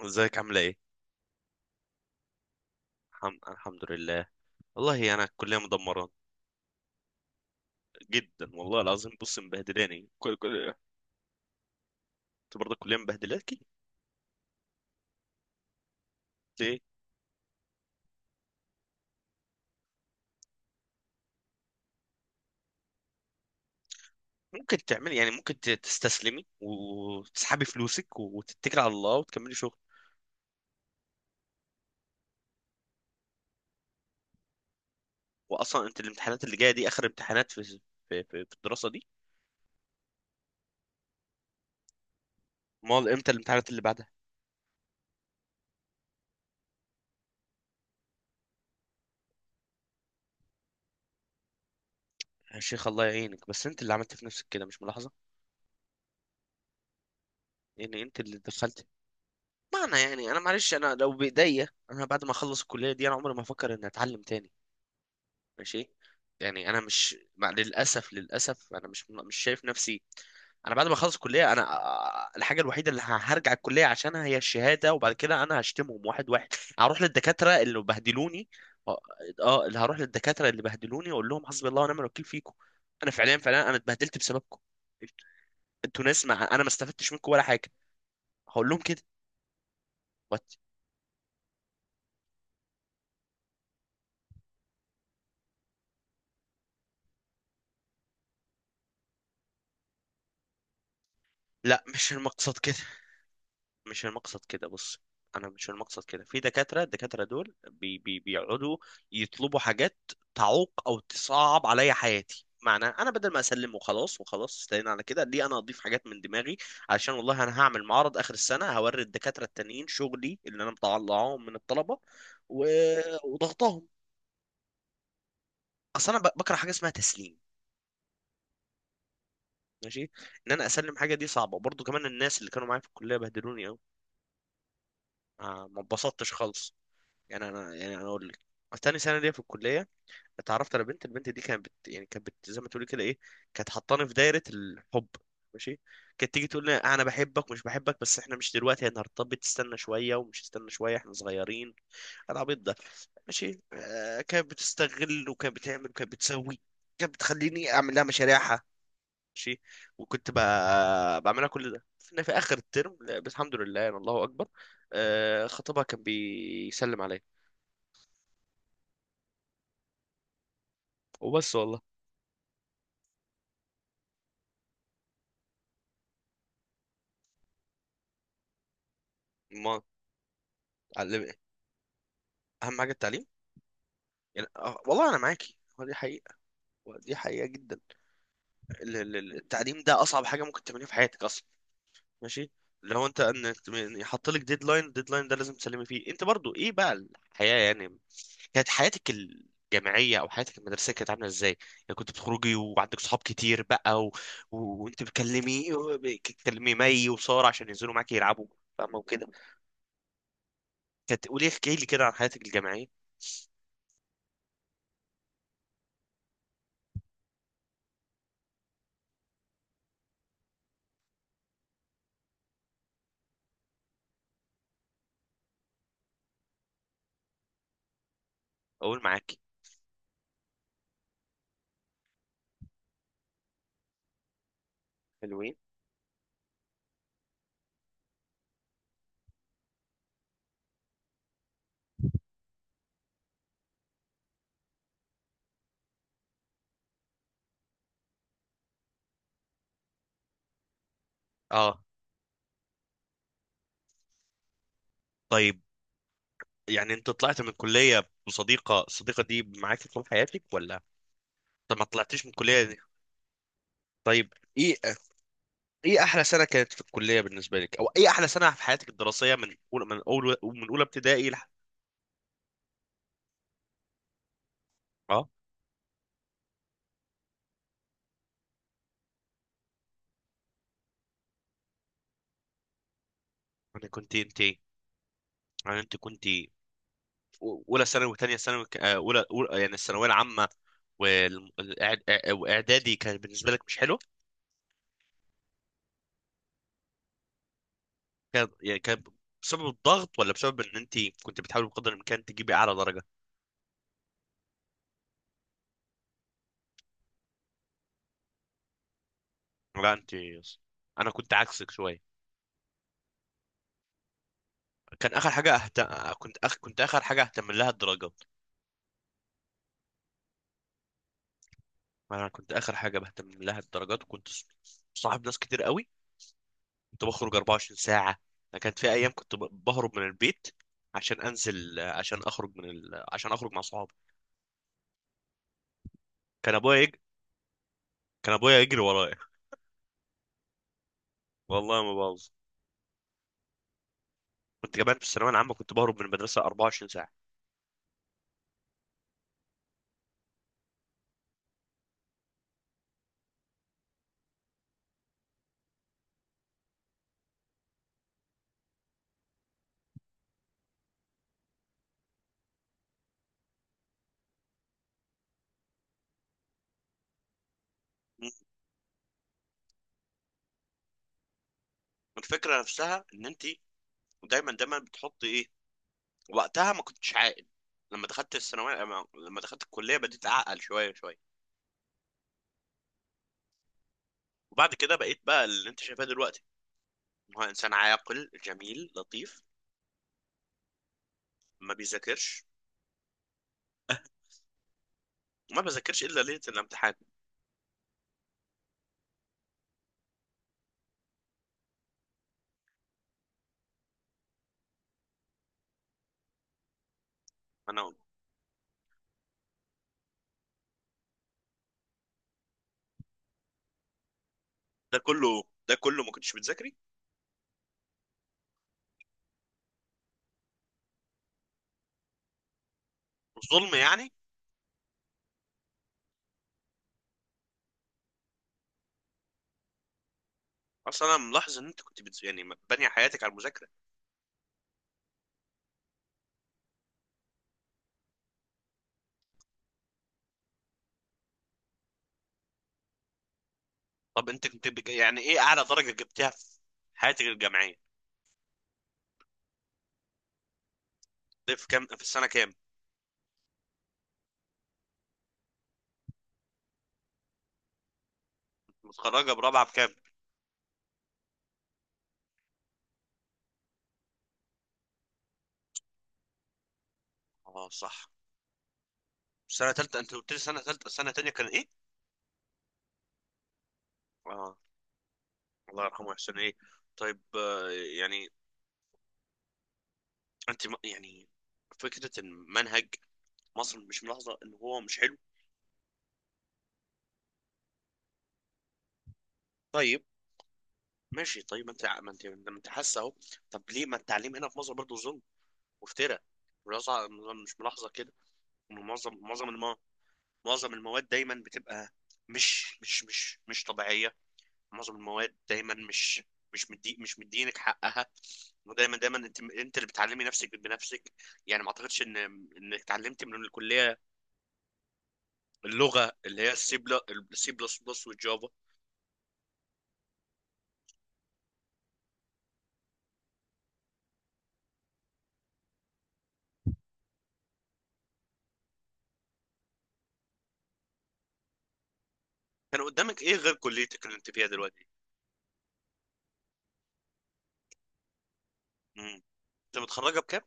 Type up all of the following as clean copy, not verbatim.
ازيك عاملة ايه؟ الحمد لله. والله انا الكلية مدمرة جدا، والله العظيم. بص مبهدلاني كل. انت برضه الكلية مبهدلاكي ليه؟ ممكن تعملي، يعني ممكن تستسلمي وتسحبي فلوسك وتتكلي على الله وتكملي شغل. واصلا انت الامتحانات اللي جاية دي اخر امتحانات في في الدراسة دي؟ امال امتى الامتحانات اللي بعدها؟ يا شيخ الله يعينك، بس انت اللي عملت في نفسك كده، مش ملاحظة؟ يعني انت اللي دخلت. معنى يعني، انا معلش، انا لو بايديا انا بعد ما اخلص الكلية دي انا عمري ما افكر اني اتعلم تاني. ماشي. يعني انا مش مع، للاسف للاسف، انا مش شايف نفسي. انا بعد ما اخلص الكليه انا الحاجه الوحيده اللي هرجع الكليه عشانها هي الشهاده، وبعد كده انا هشتمهم واحد واحد. هروح للدكاتره اللي بهدلوني. اه، اللي هروح للدكاتره اللي بهدلوني واقول لهم حسبي الله ونعم الوكيل فيكم. انا فعليا فعليا انا اتبهدلت بسببكم. انتوا ناس، ما انا ما استفدتش منكم ولا حاجه. هقول لهم كده. وات. لا مش المقصد كده، مش المقصد كده. بص انا مش المقصد كده، في دكاتره، الدكاتره دول بي بيقعدوا يطلبوا حاجات تعوق او تصعب عليا حياتي. معنى انا بدل ما اسلم وخلاص، وخلاص استنينا على كده، ليه انا اضيف حاجات من دماغي؟ علشان والله انا هعمل معرض اخر السنه، هوري الدكاتره التانيين شغلي اللي انا مطلعهم من الطلبه و... وضغطهم. اصل انا بكره حاجه اسمها تسليم. ماشي. انا اسلم حاجه دي صعبه برضو. كمان الناس اللي كانوا معايا في الكليه بهدلوني قوي، ما اتبسطتش خالص. يعني انا اقول لك، تاني سنه ليا في الكليه اتعرفت على بنت، البنت دي كانت بت... يعني كانت بت... زي ما تقولي كده ايه، كانت حطاني في دايره الحب. ماشي. كانت تيجي تقول لي انا بحبك مش بحبك، بس احنا مش دلوقتي، احنا هنرتبط، تستنى شويه، ومش تستنى شويه، احنا صغيرين. العبيط ده. ماشي. آه كانت بتستغل وكانت بتعمل وكانت بتسوي، كانت بتخليني اعمل لها مشاريعها. ماشي. وكنت بقى... بعملها كل ده في في اخر الترم. لا، بس الحمد لله، يعني الله اكبر. آه، خطيبها كان بيسلم عليا. وبس والله. ما علم. اهم حاجه التعليم. يعني والله انا معاكي، هو دي حقيقه، ودي حقيقه جدا. التعليم ده اصعب حاجه ممكن تعمليها في حياتك اصلا. ماشي. اللي هو انت ان، إن يحط لك ديدلاين، الديدلاين ده لازم تسلمي فيه. انت برضو ايه بقى الحياه؟ يعني كانت حياتك الجامعيه او حياتك المدرسيه كانت عامله ازاي؟ يعني كنت بتخرجي وعندك صحاب كتير بقى و... و... وانت بتكلمي مي وساره عشان ينزلوا معاكي يلعبوا، فاهمه وكده؟ كانت، قولي احكي لي كده عن حياتك الجامعيه. اقول معاكي. حلوين. اه. طيب يعني انت طلعت من الكلية بصديقة، الصديقة دي معاك طول حياتك ولا؟ طب ما طلعتيش من الكلية دي. طيب. ايه ايه احلى سنة كانت في الكلية بالنسبة لك، او ايه احلى سنة في حياتك الدراسية من اولى، من اول، من اولى ابتدائي لح... اه. انا كنت انت انا انت كنت في اولى ثانوي وثانية ثانوي، يعني الثانوية العامة. واعدادي كان بالنسبة لك مش حلو؟ كان يعني كان بسبب الضغط ولا بسبب ان انت كنت بتحاولي بقدر الامكان تجيبي اعلى درجة؟ لا انت، انا كنت عكسك شوية. كان اخر حاجه أهت... كنت اخر حاجه اهتم لها الدرجات. انا كنت اخر حاجه بهتم لها الدرجات، وكنت صاحب ناس كتير قوي. كنت بخرج 24 ساعه. أنا كانت في ايام كنت بهرب من البيت، عشان انزل، عشان اخرج من ال... عشان اخرج مع صحابي. كان ابويا يج... كان ابويا يجري ورايا، والله ما بهزر. كنت كمان في الثانويه العامه كنت بهرب من المدرسه 24 ساعه. م. الفكره نفسها ان انت، دايما بتحطي ايه، وقتها ما كنتش عاقل. لما دخلت الثانويه، لما دخلت الكليه، بديت اعقل شويه شويه. وبعد كده بقيت بقى اللي انت شايفاه دلوقتي، إن هو انسان عاقل جميل لطيف. ما بيذاكرش، وما بذاكرش الا ليله الامتحان. انا. ده كله، ده كله ما كنتش بتذاكري، ظلم يعني. اصلا انا ملاحظ ان انت كنت بتز... يعني بانيه حياتك على المذاكره. طب انت كنت بج... يعني ايه اعلى درجه جبتها في حياتك الجامعيه؟ ده في كام، في السنه كام؟ متخرجه برابعه بكام؟ اه صح. سنه ثالثه انت قلت لي، سنه ثالثه، سنه ثانيه كان ايه؟ اه، الله يرحمه يحسن ايه. طيب يعني انت يعني فكرة المنهج مصر، مش ملاحظه ان هو مش حلو؟ طيب ماشي، طيب ما انت، ما انت، ما انت حاسه اهو. طب ليه ما التعليم هنا في مصر برضه ظلم وافتراء؟ ملاحظة- مش ملاحظه كده إن معظم الم... معظم المواد دايما بتبقى مش طبيعيه؟ معظم المواد دايما مش مش مدينك حقها، ودايما انت اللي بتعلمي نفسك بنفسك. يعني ما اعتقدش ان، انك اتعلمت من الكليه اللغه اللي هي السي بلس، السي بلس بلس والجافا. كان قدامك ايه غير كليتك اللي انت فيها دلوقتي؟ انت متخرجه بكام؟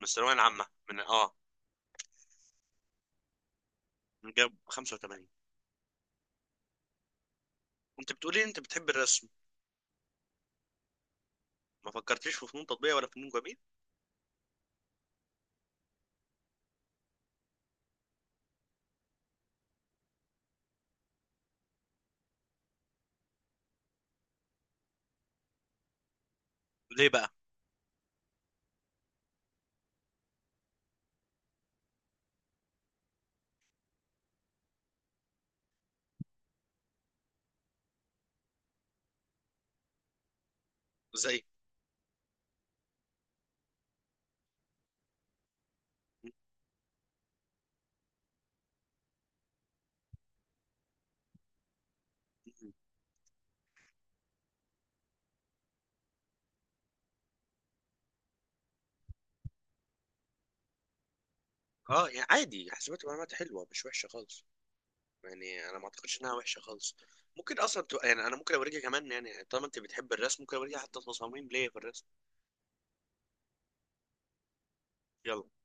من الثانويه العامه، من اه، من جاب 85؟ انت بتقولي انت بتحب الرسم، ما فكرتيش في فنون تطبيقيه ولا فنون جميل؟ ليه بقى؟ ازاي؟ اه يعني عادي، حسابات ومعلومات حلوه، مش وحشه خالص، يعني انا ما اعتقدش انها وحشه خالص. ممكن اصلا تبقى، يعني انا ممكن اوريكي كمان، يعني طالما انت بتحب الرسم ممكن اوريكي حتى تصاميم ليا في الرسم. يلا.